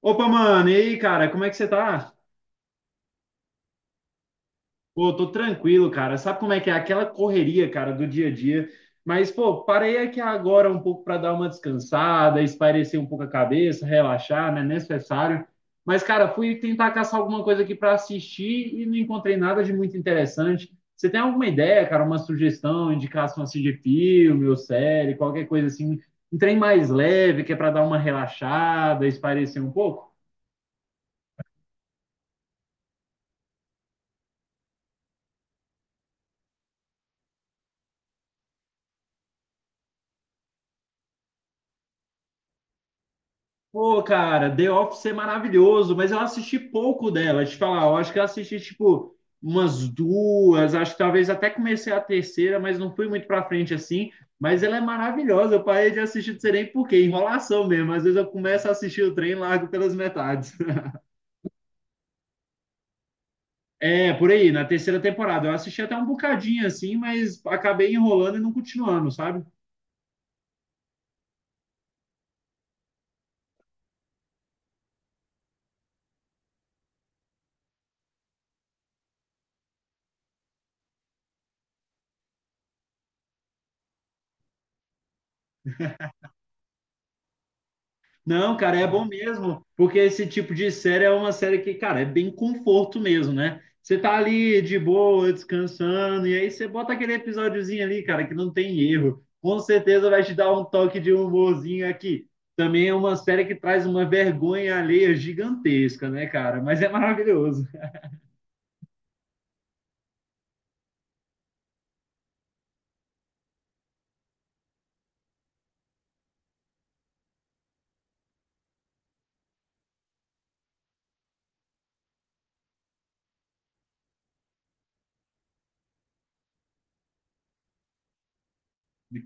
Opa, mano, e aí, cara, como é que você tá? Pô, tô tranquilo, cara. Sabe como é que é aquela correria, cara, do dia a dia? Mas, pô, parei aqui agora um pouco para dar uma descansada, espairecer um pouco a cabeça, relaxar, né? Necessário. Mas, cara, fui tentar caçar alguma coisa aqui para assistir e não encontrei nada de muito interessante. Você tem alguma ideia, cara, uma sugestão, indicação assim de filme ou série, qualquer coisa assim, um trem mais leve que é para dar uma relaxada, espairecer um pouco? Pô, cara, The Office é maravilhoso, mas eu assisti pouco dela. Te falar, eu acho que eu assisti tipo umas duas, acho que talvez até comecei a terceira, mas não fui muito pra frente assim. Mas ela é maravilhosa. Eu parei de assistir, não sei nem por quê, enrolação mesmo. Às vezes eu começo a assistir o trem e largo pelas metades. É, por aí, na terceira temporada. Eu assisti até um bocadinho assim, mas acabei enrolando e não continuando, sabe? Não, cara, é bom mesmo, porque esse tipo de série é uma série que, cara, é bem conforto mesmo, né? Você tá ali de boa, descansando, e aí você bota aquele episódiozinho ali, cara, que não tem erro. Com certeza vai te dar um toque de humorzinho aqui. Também é uma série que traz uma vergonha alheia gigantesca, né, cara? Mas é maravilhoso.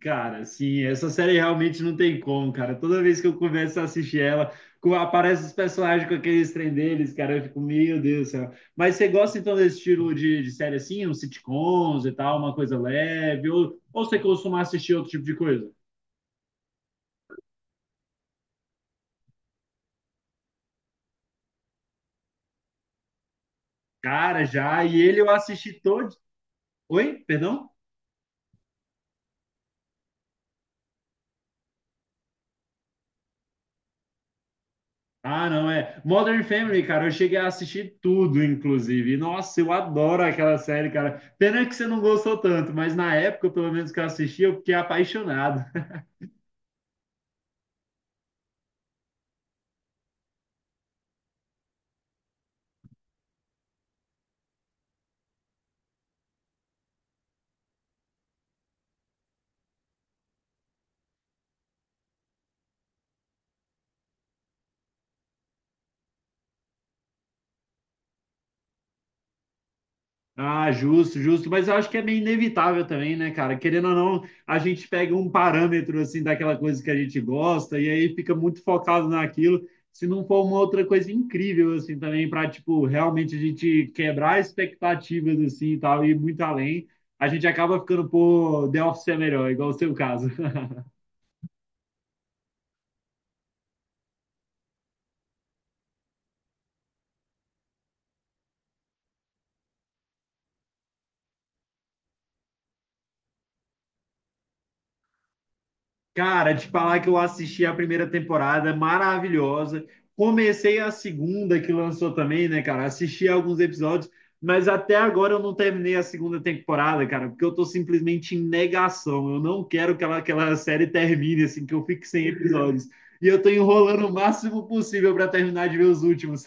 Cara, sim, essa série realmente não tem como, cara. Toda vez que eu começo a assistir ela, aparece os personagens com aqueles trem deles, cara, eu fico, meu Deus do céu. Mas você gosta então desse estilo de série assim, uns sitcoms e tal, uma coisa leve, ou você costuma assistir outro tipo de coisa? Cara, já, e ele eu assisti todo. Oi? Perdão? Ah, não, é. Modern Family, cara, eu cheguei a assistir tudo, inclusive. Nossa, eu adoro aquela série, cara. Pena que você não gostou tanto, mas na época, pelo menos que eu assisti, eu fiquei apaixonado. Ah, justo, justo, mas eu acho que é meio inevitável também, né, cara? Querendo ou não, a gente pega um parâmetro assim daquela coisa que a gente gosta e aí fica muito focado naquilo. Se não for uma outra coisa incrível assim também para tipo realmente a gente quebrar expectativas assim e tal e ir muito além, a gente acaba ficando, pô, The Office é melhor, igual o seu caso. Cara, te falar que eu assisti a primeira temporada, maravilhosa. Comecei a segunda que lançou também, né, cara? Assisti alguns episódios, mas até agora eu não terminei a segunda temporada, cara, porque eu tô simplesmente em negação. Eu não quero que ela, que aquela série termine, assim, que eu fique sem episódios. E eu tô enrolando o máximo possível para terminar de ver os últimos.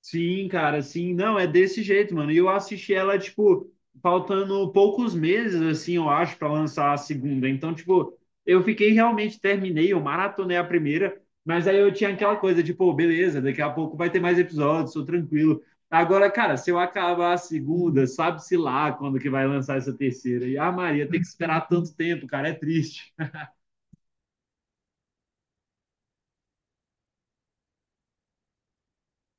Sim, cara, sim. Não, é desse jeito, mano. E eu assisti ela, tipo, faltando poucos meses, assim, eu acho, para lançar a segunda. Então, tipo, eu fiquei realmente, terminei, eu maratonei a primeira, mas aí eu tinha aquela coisa de, pô, beleza, daqui a pouco vai ter mais episódios, tô tranquilo. Agora, cara, se eu acabar a segunda, sabe-se lá quando que vai lançar essa terceira. E a Maria tem que esperar tanto tempo, cara, é triste.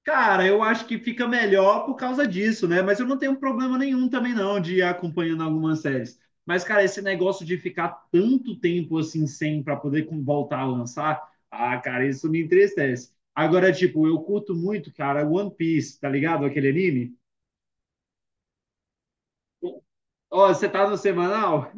Cara, eu acho que fica melhor por causa disso, né? Mas eu não tenho problema nenhum também não de ir acompanhando algumas séries. Mas, cara, esse negócio de ficar tanto tempo assim sem para poder voltar a lançar, ah, cara, isso me entristece. Agora, tipo, eu curto muito, cara, One Piece, tá ligado? Aquele anime. Ó, você tá no semanal?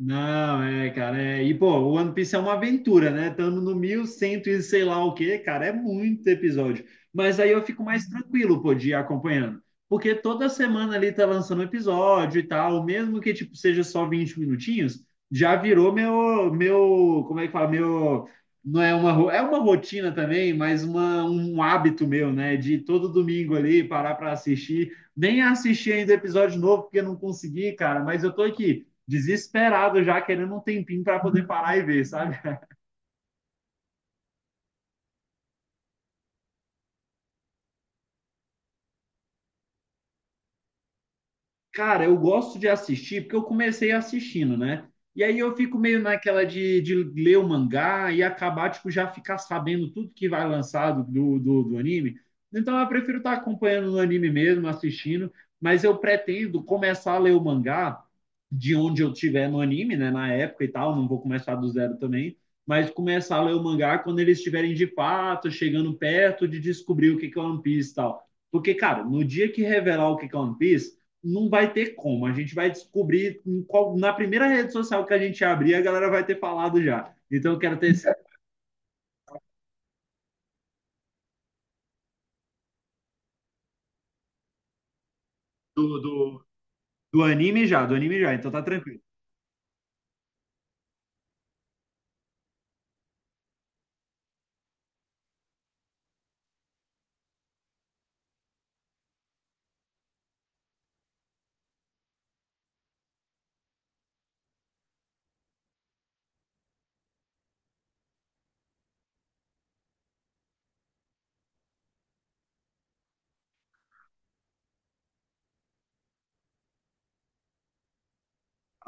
Não, é, cara, é. E, pô, o One Piece é uma aventura, né? Estamos no 1100 e cem e sei lá o quê, cara, é muito episódio. Mas aí eu fico mais tranquilo, pô, de ir acompanhando. Porque toda semana ali tá lançando um episódio e tal, mesmo que, tipo, seja só 20 minutinhos, já virou meu, como é que fala? Meu, não é uma, ro- É uma rotina também, mas uma, um hábito meu, né? De todo domingo ali parar pra assistir. Nem assisti ainda o episódio novo, porque eu não consegui, cara, mas eu tô aqui desesperado já, querendo um tempinho para poder parar e ver, sabe? Cara, eu gosto de assistir porque eu comecei assistindo, né? E aí eu fico meio naquela de, ler o mangá e acabar, tipo, já ficar sabendo tudo que vai lançar do anime. Então eu prefiro estar acompanhando no anime mesmo, assistindo, mas eu pretendo começar a ler o mangá de onde eu tiver no anime, né? Na época e tal, não vou começar do zero também, mas começar a ler o mangá quando eles estiverem de fato, chegando perto de descobrir o que que é One Piece e tal. Porque, cara, no dia que revelar o que que é One Piece, não vai ter como. A gente vai descobrir em qual, na primeira rede social que a gente abrir, a galera vai ter falado já. Então eu quero ter esse do, do, do anime já, então tá tranquilo.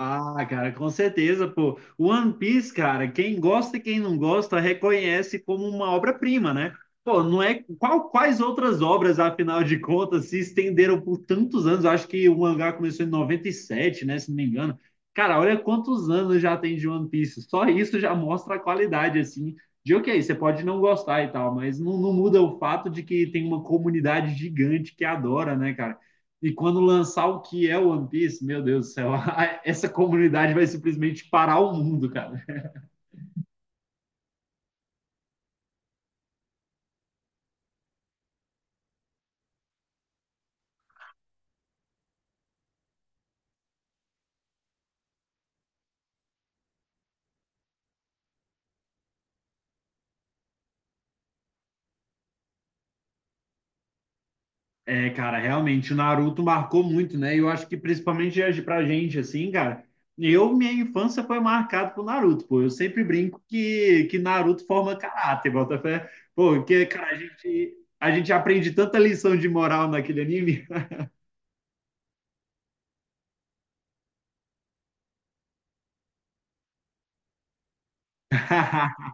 Ah, cara, com certeza, pô. One Piece, cara, quem gosta e quem não gosta reconhece como uma obra-prima, né? Pô, não é qual, quais outras obras, afinal de contas, se estenderam por tantos anos? Eu acho que o mangá começou em 97, né, se não me engano. Cara, olha quantos anos já tem de One Piece. Só isso já mostra a qualidade, assim, de ok, você pode não gostar e tal, mas não muda o fato de que tem uma comunidade gigante que adora, né, e quando lançar o que é One Piece, meu Deus do céu, essa comunidade vai simplesmente parar o mundo, cara. É, cara, realmente, o Naruto marcou muito, né? E eu acho que principalmente pra gente, assim, cara, eu, minha infância foi marcada por Naruto, pô. Eu sempre brinco que Naruto forma caráter, bota fé. Pô, porque cara, a gente aprende tanta lição de moral naquele anime.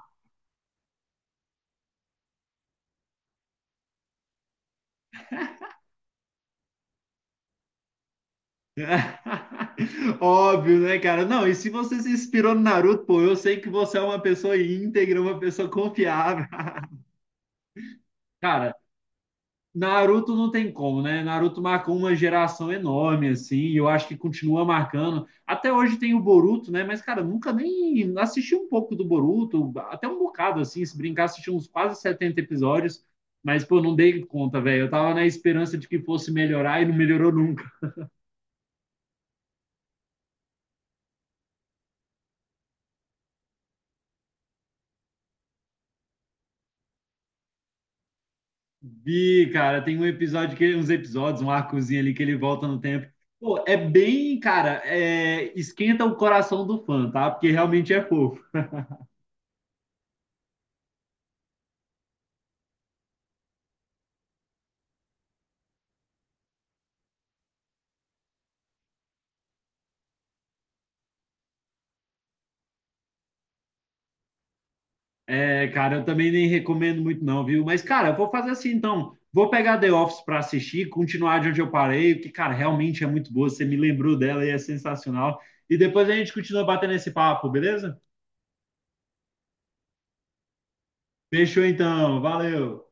Óbvio, né, cara? Não, e se você se inspirou no Naruto, pô, eu sei que você é uma pessoa íntegra, uma pessoa confiável. Cara, Naruto não tem como, né? Naruto marcou uma geração enorme, assim, e eu acho que continua marcando. Até hoje tem o Boruto, né? Mas, cara, nunca nem assisti um pouco do Boruto, até um bocado, assim, se brincar, assisti uns quase 70 episódios, mas, pô, não dei conta, velho. Eu tava na esperança de que fosse melhorar e não melhorou. Vi, cara, tem um episódio que uns episódios, um arcozinho ali que ele volta no tempo. Pô, é bem, cara, é, esquenta o coração do fã, tá? Porque realmente é fofo. É, cara, eu também nem recomendo muito não, viu? Mas, cara, eu vou fazer assim então. Vou pegar The Office pra assistir, continuar de onde eu parei, porque, cara, realmente é muito boa. Você me lembrou dela e é sensacional. E depois a gente continua batendo esse papo, beleza? Fechou então, valeu.